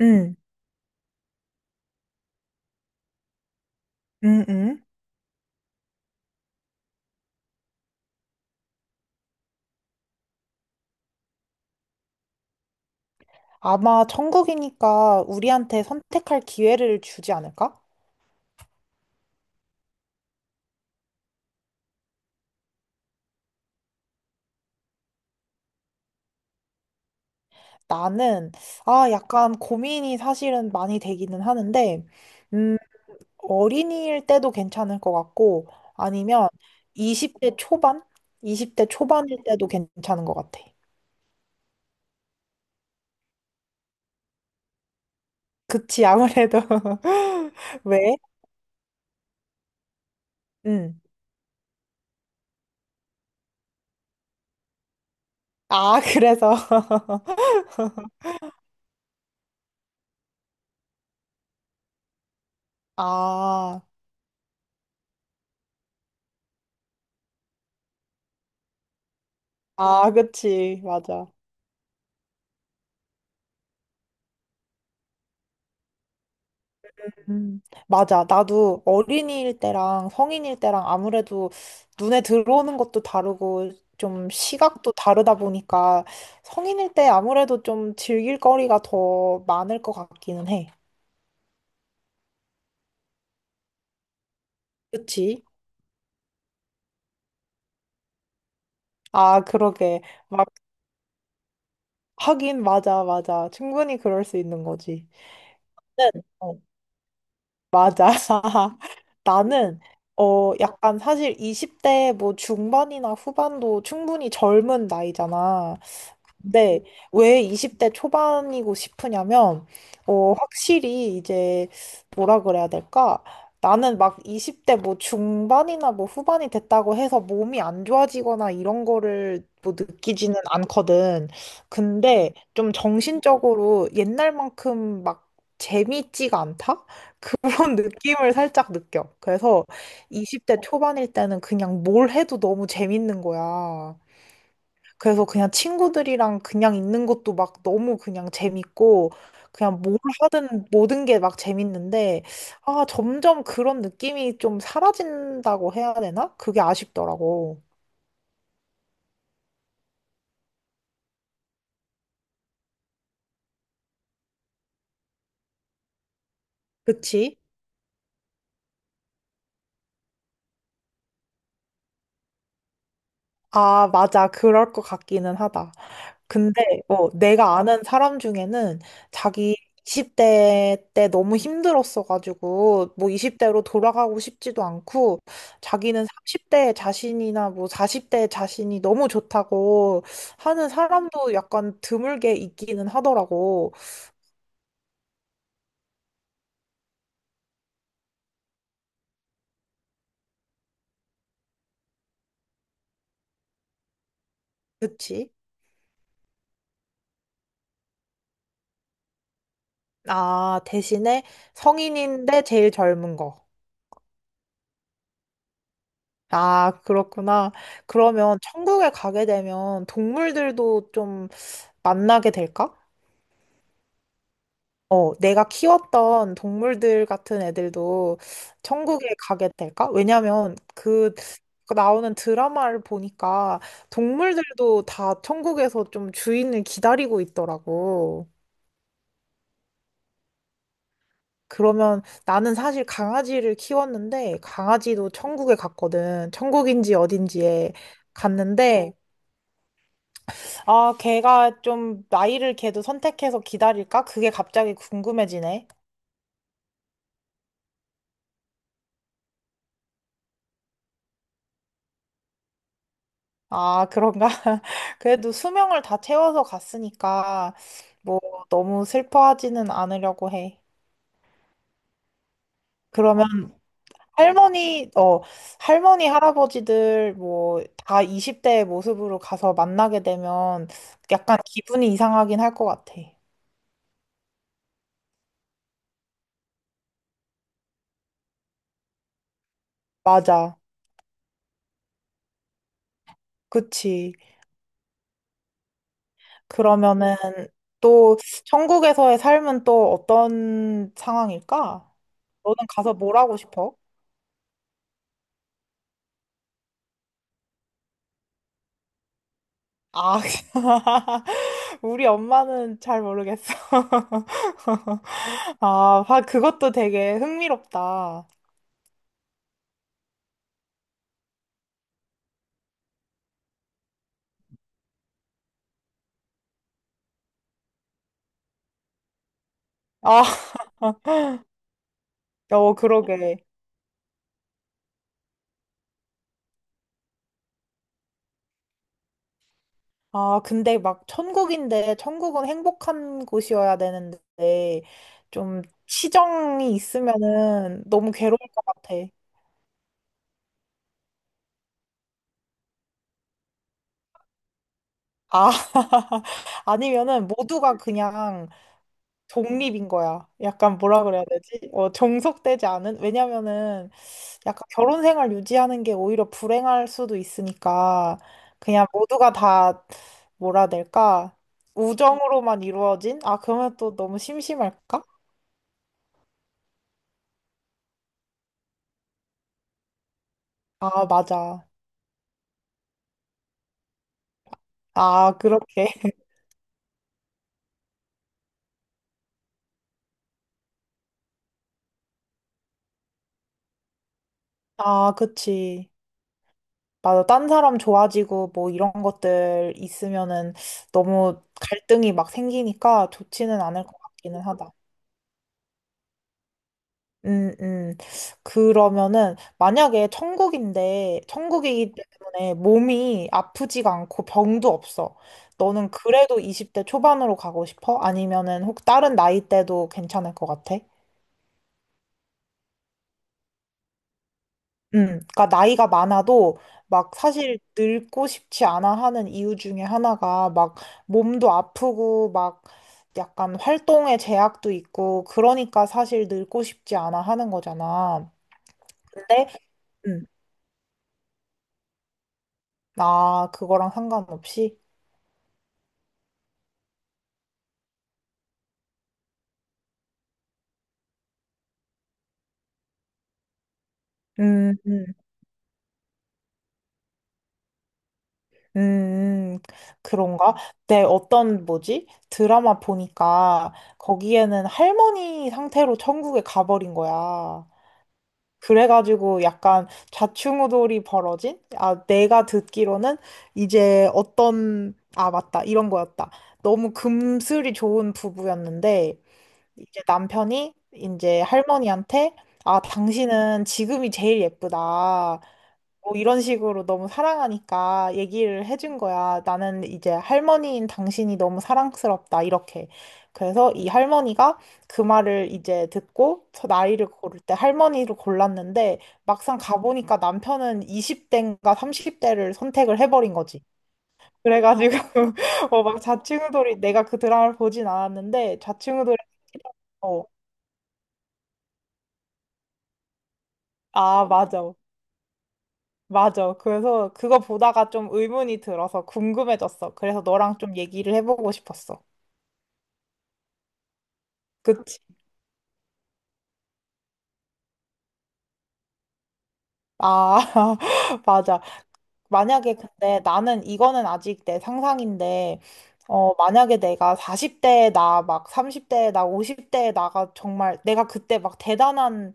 응, 응, 응. 아마 천국이니까 우리한테 선택할 기회를 주지 않을까? 나는, 약간 고민이 사실은 많이 되기는 하는데, 음, 어린이일 때도 괜찮을 것 같고, 아니면 20대 초반? 20대 초반일 때도 괜찮은 것 같아. 그치, 아무래도. 왜? 응. 아, 그래서. 아, 아, 그치, 맞아. 음, 맞아. 나도 어린이일 때랑 성인일 때랑 아무래도 눈에 들어오는 것도 다르고 좀 시각도 다르다 보니까 성인일 때 아무래도 좀 즐길 거리가 더 많을 것 같기는 해. 그치? 아, 그러게. 막, 하긴, 맞아, 맞아. 충분히 그럴 수 있는 거지. 네. 어, 맞아. 나는, 약간 사실 20대 뭐 중반이나 후반도 충분히 젊은 나이잖아. 네, 왜 20대 초반이고 싶으냐면, 확실히 이제, 뭐라 그래야 될까? 나는 막 20대 뭐 중반이나 뭐 후반이 됐다고 해서 몸이 안 좋아지거나 이런 거를 뭐 느끼지는 않거든. 근데 좀 정신적으로 옛날만큼 막 재밌지가 않다? 그런 느낌을 살짝 느껴. 그래서 20대 초반일 때는 그냥 뭘 해도 너무 재밌는 거야. 그래서 그냥 친구들이랑 그냥 있는 것도 막 너무 그냥 재밌고, 그냥 뭘 하든 모든 게 막 재밌는데, 아, 점점 그런 느낌이 좀 사라진다고 해야 되나? 그게 아쉽더라고. 그치? 아, 맞아. 그럴 것 같기는 하다. 근데 내가 아는 사람 중에는 자기 20대 때 너무 힘들었어가지고 뭐 20대로 돌아가고 싶지도 않고 자기는 30대 자신이나 뭐 40대 자신이 너무 좋다고 하는 사람도 약간 드물게 있기는 하더라고. 그치? 아, 대신에 성인인데 제일 젊은 거. 아, 그렇구나. 그러면 천국에 가게 되면 동물들도 좀 만나게 될까? 내가 키웠던 동물들 같은 애들도 천국에 가게 될까? 왜냐면 그 나오는 드라마를 보니까 동물들도 다 천국에서 좀 주인을 기다리고 있더라고. 그러면 나는 사실 강아지를 키웠는데 강아지도 천국에 갔거든. 천국인지 어딘지에 갔는데 아, 걔가 좀 나이를 걔도 선택해서 기다릴까? 그게 갑자기 궁금해지네. 아, 그런가? 그래도 수명을 다 채워서 갔으니까, 뭐, 너무 슬퍼하지는 않으려고 해. 그러면 할머니, 어, 할머니, 할아버지들, 뭐, 다 20대의 모습으로 가서 만나게 되면 약간 기분이 이상하긴 할 것 같아. 맞아. 그치. 그러면은 또, 천국에서의 삶은 또 어떤 상황일까? 너는 가서 뭘 하고 싶어? 아, 우리 엄마는 잘 모르겠어. 아, 아, 그것도 되게 흥미롭다. 아, 어, 그러게. 아, 근데 막 천국인데, 천국은 행복한 곳이어야 되는데, 좀 치정이 있으면은 너무 괴로울 것 같아. 아, 아니면은 모두가 그냥 독립인 거야. 약간 뭐라 그래야 되지? 종속되지 않은? 왜냐면은, 약간 결혼 생활 유지하는 게 오히려 불행할 수도 있으니까 그냥 모두가 다 뭐라 해야 될까? 우정으로만 이루어진? 아, 그러면 또 너무 심심할까? 아, 맞아. 아, 그렇게. 아, 그치. 맞아. 딴 사람 좋아지고 뭐 이런 것들 있으면은 너무 갈등이 막 생기니까 좋지는 않을 것 같기는 하다. 음, 음. 그러면은, 만약에 천국인데, 천국이기 때문에 몸이 아프지가 않고 병도 없어. 너는 그래도 20대 초반으로 가고 싶어? 아니면은 혹 다른 나이대도 괜찮을 것 같아? 그러니까 나이가 많아도 막 사실 늙고 싶지 않아 하는 이유 중에 하나가 막 몸도 아프고 막 약간 활동에 제약도 있고 그러니까 사실 늙고 싶지 않아 하는 거잖아. 근데 음, 아, 그거랑 상관없이? 음, 음, 음, 그런가? 내 어떤, 뭐지? 드라마 보니까 거기에는 할머니 상태로 천국에 가버린 거야. 그래가지고 약간 좌충우돌이 벌어진? 아, 내가 듣기로는 이제 어떤, 아, 맞다. 이런 거였다. 너무 금슬이 좋은 부부였는데, 이제 남편이 이제 할머니한테 아, 당신은 지금이 제일 예쁘다. 뭐 이런 식으로 너무 사랑하니까 얘기를 해준 거야. 나는 이제 할머니인 당신이 너무 사랑스럽다. 이렇게. 그래서 이 할머니가 그 말을 이제 듣고 저 나이를 고를 때 할머니를 골랐는데 막상 가보니까 남편은 20대인가 30대를 선택을 해버린 거지. 그래가지고 막 좌충우돌이 내가 그 드라마를 보진 않았는데 좌충우돌이 어, 아, 맞아, 맞아. 그래서 그거 보다가 좀 의문이 들어서 궁금해졌어. 그래서 너랑 좀 얘기를 해보고 싶었어. 그치. 아, 맞아. 만약에 근데 나는 이거는 아직 내 상상인데 만약에 내가 40대에 나 막 30대에 나 50대에 나가 정말 내가 그때 막 대단한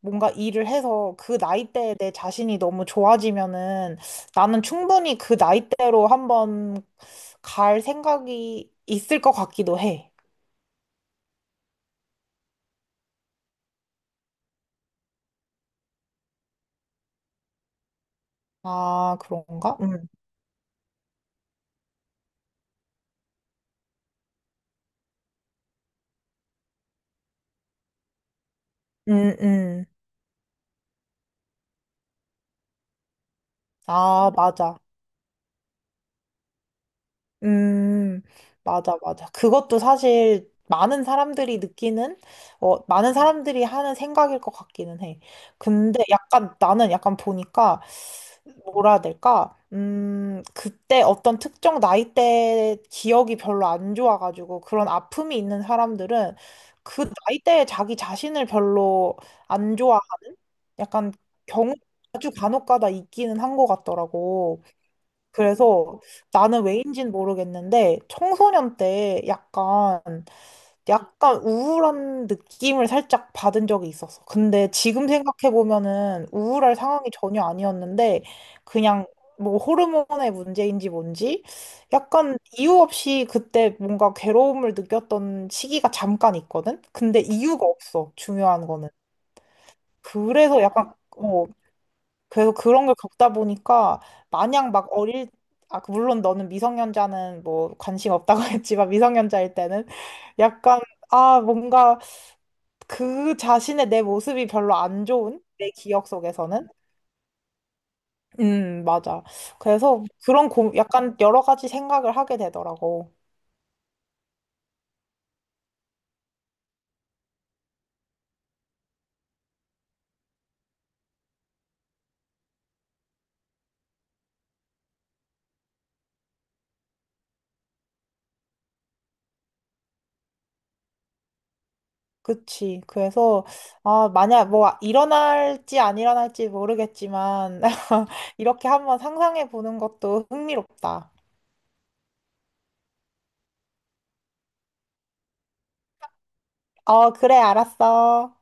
뭔가 일을 해서 그 나이대에 내 자신이 너무 좋아지면은 나는 충분히 그 나이대로 한번 갈 생각이 있을 것 같기도 해. 아, 그런가? 응, 응, 응. 아, 맞아. 음, 맞아, 맞아. 그것도 사실 많은 사람들이 느끼는, 많은 사람들이 하는 생각일 것 같기는 해. 근데 약간 나는 약간 보니까, 뭐라 해야 될까? 그때 어떤 특정 나이대 기억이 별로 안 좋아가지고 그런 아픔이 있는 사람들은 그 나이대에 자기 자신을 별로 안 좋아. 약간 경우 아주 간혹 가다 있기는 한 것 같더라고. 그래서 나는 왜인진 모르겠는데 청소년 때 약간 우울한 느낌을 살짝 받은 적이 있었어. 근데 지금 생각해 보면은 우울할 상황이 전혀 아니었는데 그냥 뭐 호르몬의 문제인지 뭔지 약간 이유 없이 그때 뭔가 괴로움을 느꼈던 시기가 잠깐 있거든. 근데 이유가 없어. 중요한 거는. 그래서 약간 그래서 그런 걸 겪다 보니까 마냥 막 어릴, 아, 그 물론 너는 미성년자는 뭐 관심 없다고 했지만 미성년자일 때는 약간, 아, 뭔가 그 자신의 내 모습이 별로 안 좋은 내 기억 속에서는. 음, 맞아. 그래서 그런 고, 약간 여러 가지 생각을 하게 되더라고. 그치. 그래서 아, 만약 뭐 일어날지 안 일어날지 모르겠지만 이렇게 한번 상상해 보는 것도 흥미롭다. 어, 그래, 알았어.